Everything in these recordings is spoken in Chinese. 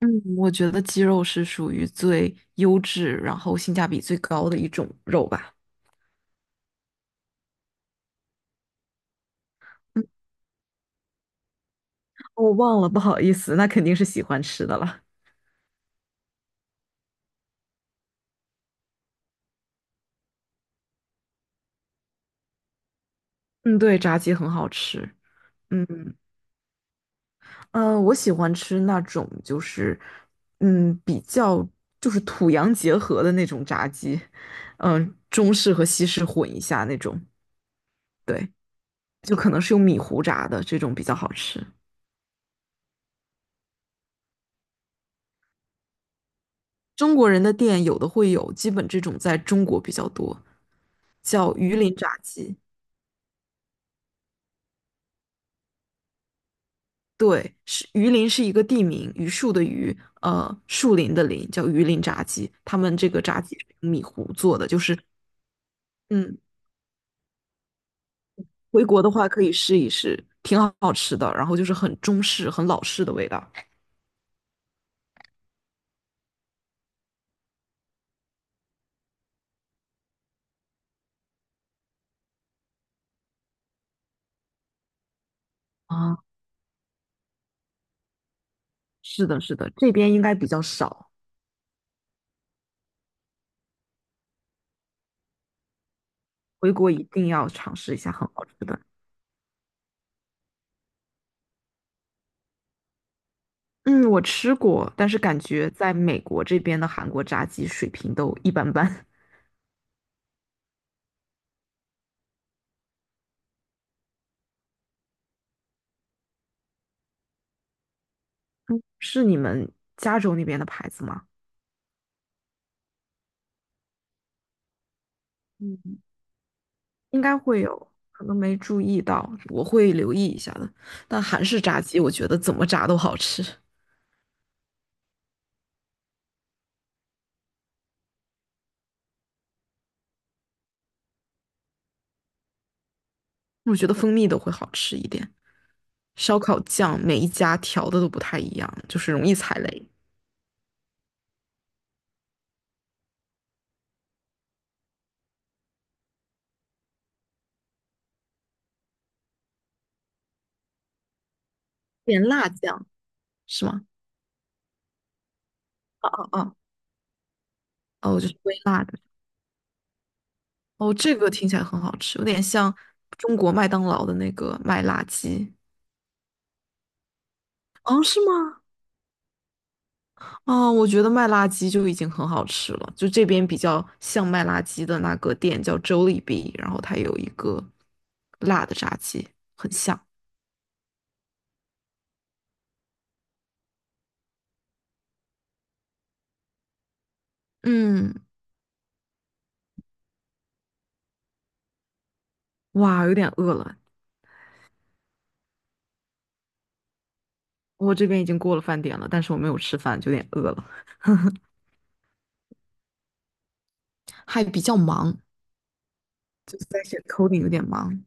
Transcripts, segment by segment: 嗯，我觉得鸡肉是属于最优质，然后性价比最高的一种肉吧。我忘了，不好意思，那肯定是喜欢吃的了。嗯，对，炸鸡很好吃。嗯，我喜欢吃那种就是，嗯，比较就是土洋结合的那种炸鸡，嗯、中式和西式混一下那种，对，就可能是用米糊炸的这种比较好吃。中国人的店有的会有，基本这种在中国比较多，叫榆林炸鸡。对，是榆林是一个地名，榆树的榆，树林的林，叫榆林炸鸡。他们这个炸鸡是用米糊做的，就是，嗯，回国的话可以试一试，挺好吃的。然后就是很中式、很老式的味道啊。是的，是的，这边应该比较少，回国一定要尝试一下，很好吃的。嗯，我吃过，但是感觉在美国这边的韩国炸鸡水平都一般般。是你们加州那边的牌子吗？嗯。应该会有，可能没注意到，我会留意一下的。但韩式炸鸡，我觉得怎么炸都好吃，我觉得蜂蜜都会好吃一点。烧烤酱每一家调的都不太一样，就是容易踩雷。点辣酱是吗？哦哦哦哦，就是微辣的。哦，这个听起来很好吃，有点像中国麦当劳的那个麦辣鸡。哦，是吗？啊，我觉得麦辣鸡就已经很好吃了，就这边比较像麦辣鸡的那个店叫 Jollibee，然后它有一个辣的炸鸡，很像。嗯，哇，有点饿了，我这边已经过了饭点了，但是我没有吃饭，就有点饿了，还比较忙，就是在写 coding 有点忙，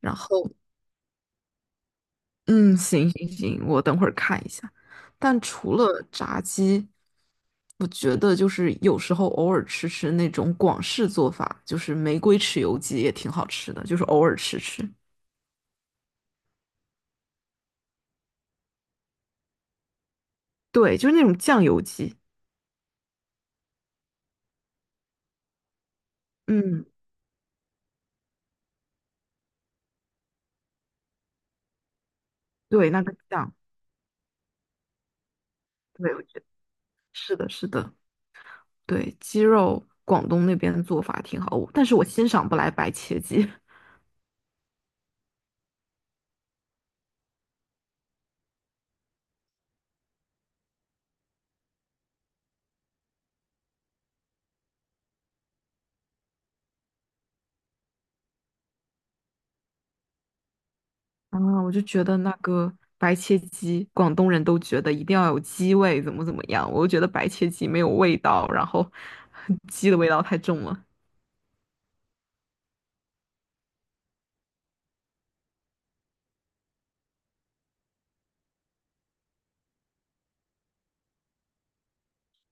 然后嗯，行行行，我等会儿看一下。但除了炸鸡，我觉得就是有时候偶尔吃吃那种广式做法，就是玫瑰豉油鸡也挺好吃的，就是偶尔吃吃。对，就是那种酱油鸡。嗯，对，那个酱，对，我觉得是的，是的，对，鸡肉广东那边的做法挺好，但是我欣赏不来白切鸡。啊，我就觉得那个白切鸡，广东人都觉得一定要有鸡味，怎么怎么样，我就觉得白切鸡没有味道，然后 鸡的味道太重了。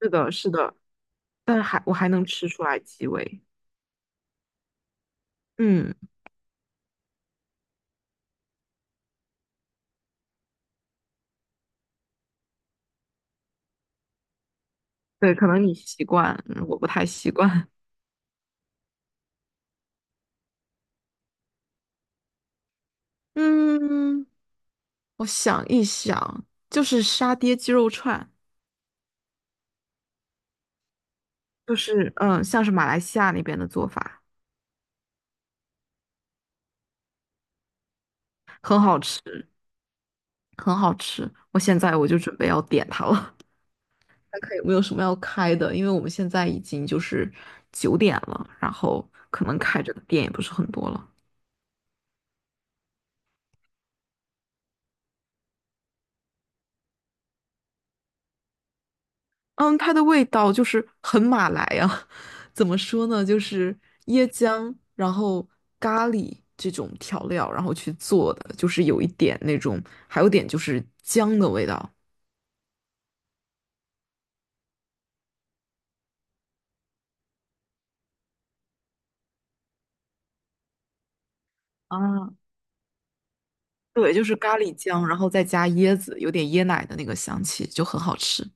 是的，是的，但是我还能吃出来鸡味。嗯，对，可能你习惯，嗯我不太习惯。嗯，我想一想，就是沙爹鸡肉串，就是嗯，像是马来西亚那边的做法，很好吃，很好吃。我现在我就准备要点它了。看看有没有什么要开的，因为我们现在已经就是九点了，然后可能开着的店也不是很多了。嗯，它的味道就是很马来啊，怎么说呢？就是椰浆，然后咖喱这种调料，然后去做的，就是有一点那种，还有点就是姜的味道啊。对，就是咖喱姜，然后再加椰子，有点椰奶的那个香气，就很好吃。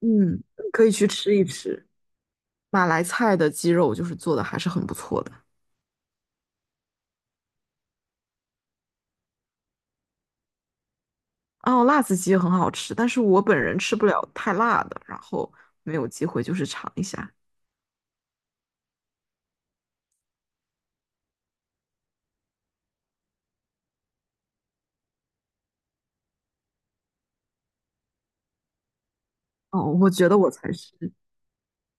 嗯，可以去吃一吃。马来菜的鸡肉就是做的还是很不错的。哦，辣子鸡很好吃，但是我本人吃不了太辣的，然后没有机会就是尝一下。哦，我觉得我才是，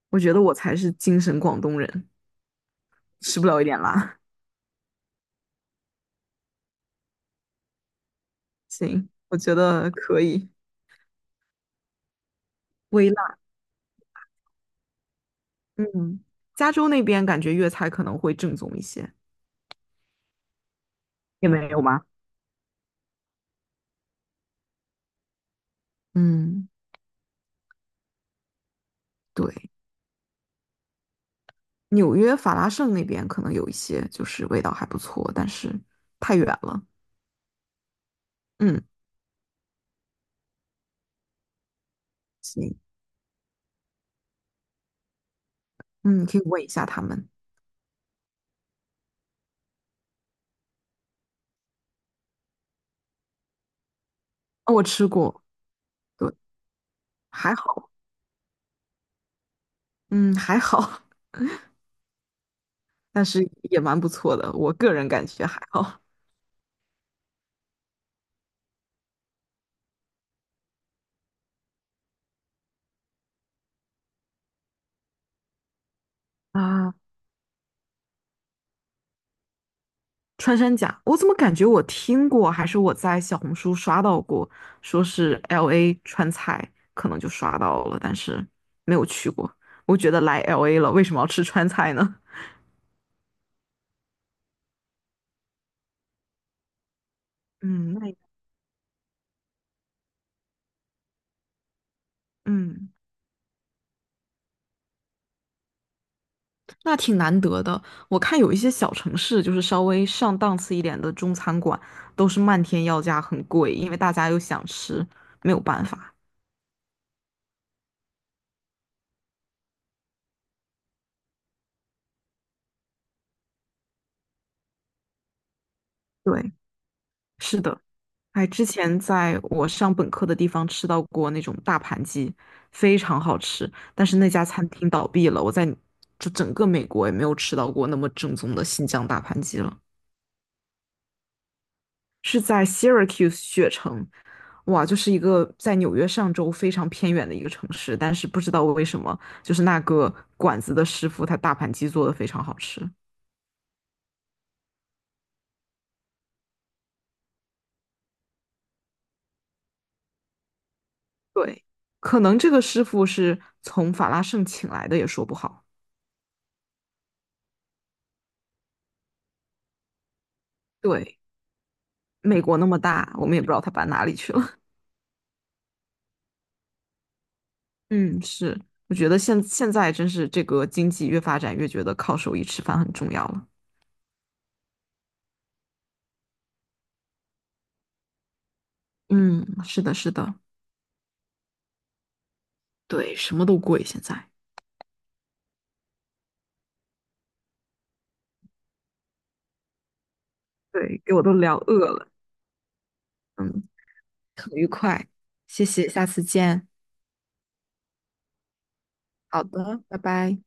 我觉得我才是精神广东人，吃不了一点辣。行，我觉得可以，微辣。嗯，加州那边感觉粤菜可能会正宗一些。也没有吗？嗯，对，纽约法拉盛那边可能有一些，就是味道还不错，但是太远了。嗯，行嗯，行，可以问一下他们。哦，我吃过，对，还好。嗯，还好，但是也蛮不错的，我个人感觉还好。啊，穿山甲，我怎么感觉我听过，还是我在小红书刷到过，说是 LA 川菜，可能就刷到了，但是没有去过。我觉得来 LA 了，为什么要吃川菜呢？嗯，那也嗯，那挺难得的。我看有一些小城市，就是稍微上档次一点的中餐馆，都是漫天要价，很贵，因为大家又想吃，没有办法。对，是的。哎，之前在我上本科的地方吃到过那种大盘鸡，非常好吃。但是那家餐厅倒闭了，就整个美国也没有吃到过那么正宗的新疆大盘鸡了。是在 Syracuse 雪城，哇，就是一个在纽约上州非常偏远的一个城市，但是不知道为什么，就是那个馆子的师傅他大盘鸡做的非常好吃。对，可能这个师傅是从法拉盛请来的，也说不好。对。美国那么大，我们也不知道它搬哪里去了。嗯，是，我觉得现在真是这个经济越发展越觉得靠手艺吃饭很重要了。嗯，是的，是的，对，什么都贵现在。对，给我都聊饿了。嗯，很愉快，谢谢，下次见。好的，拜拜。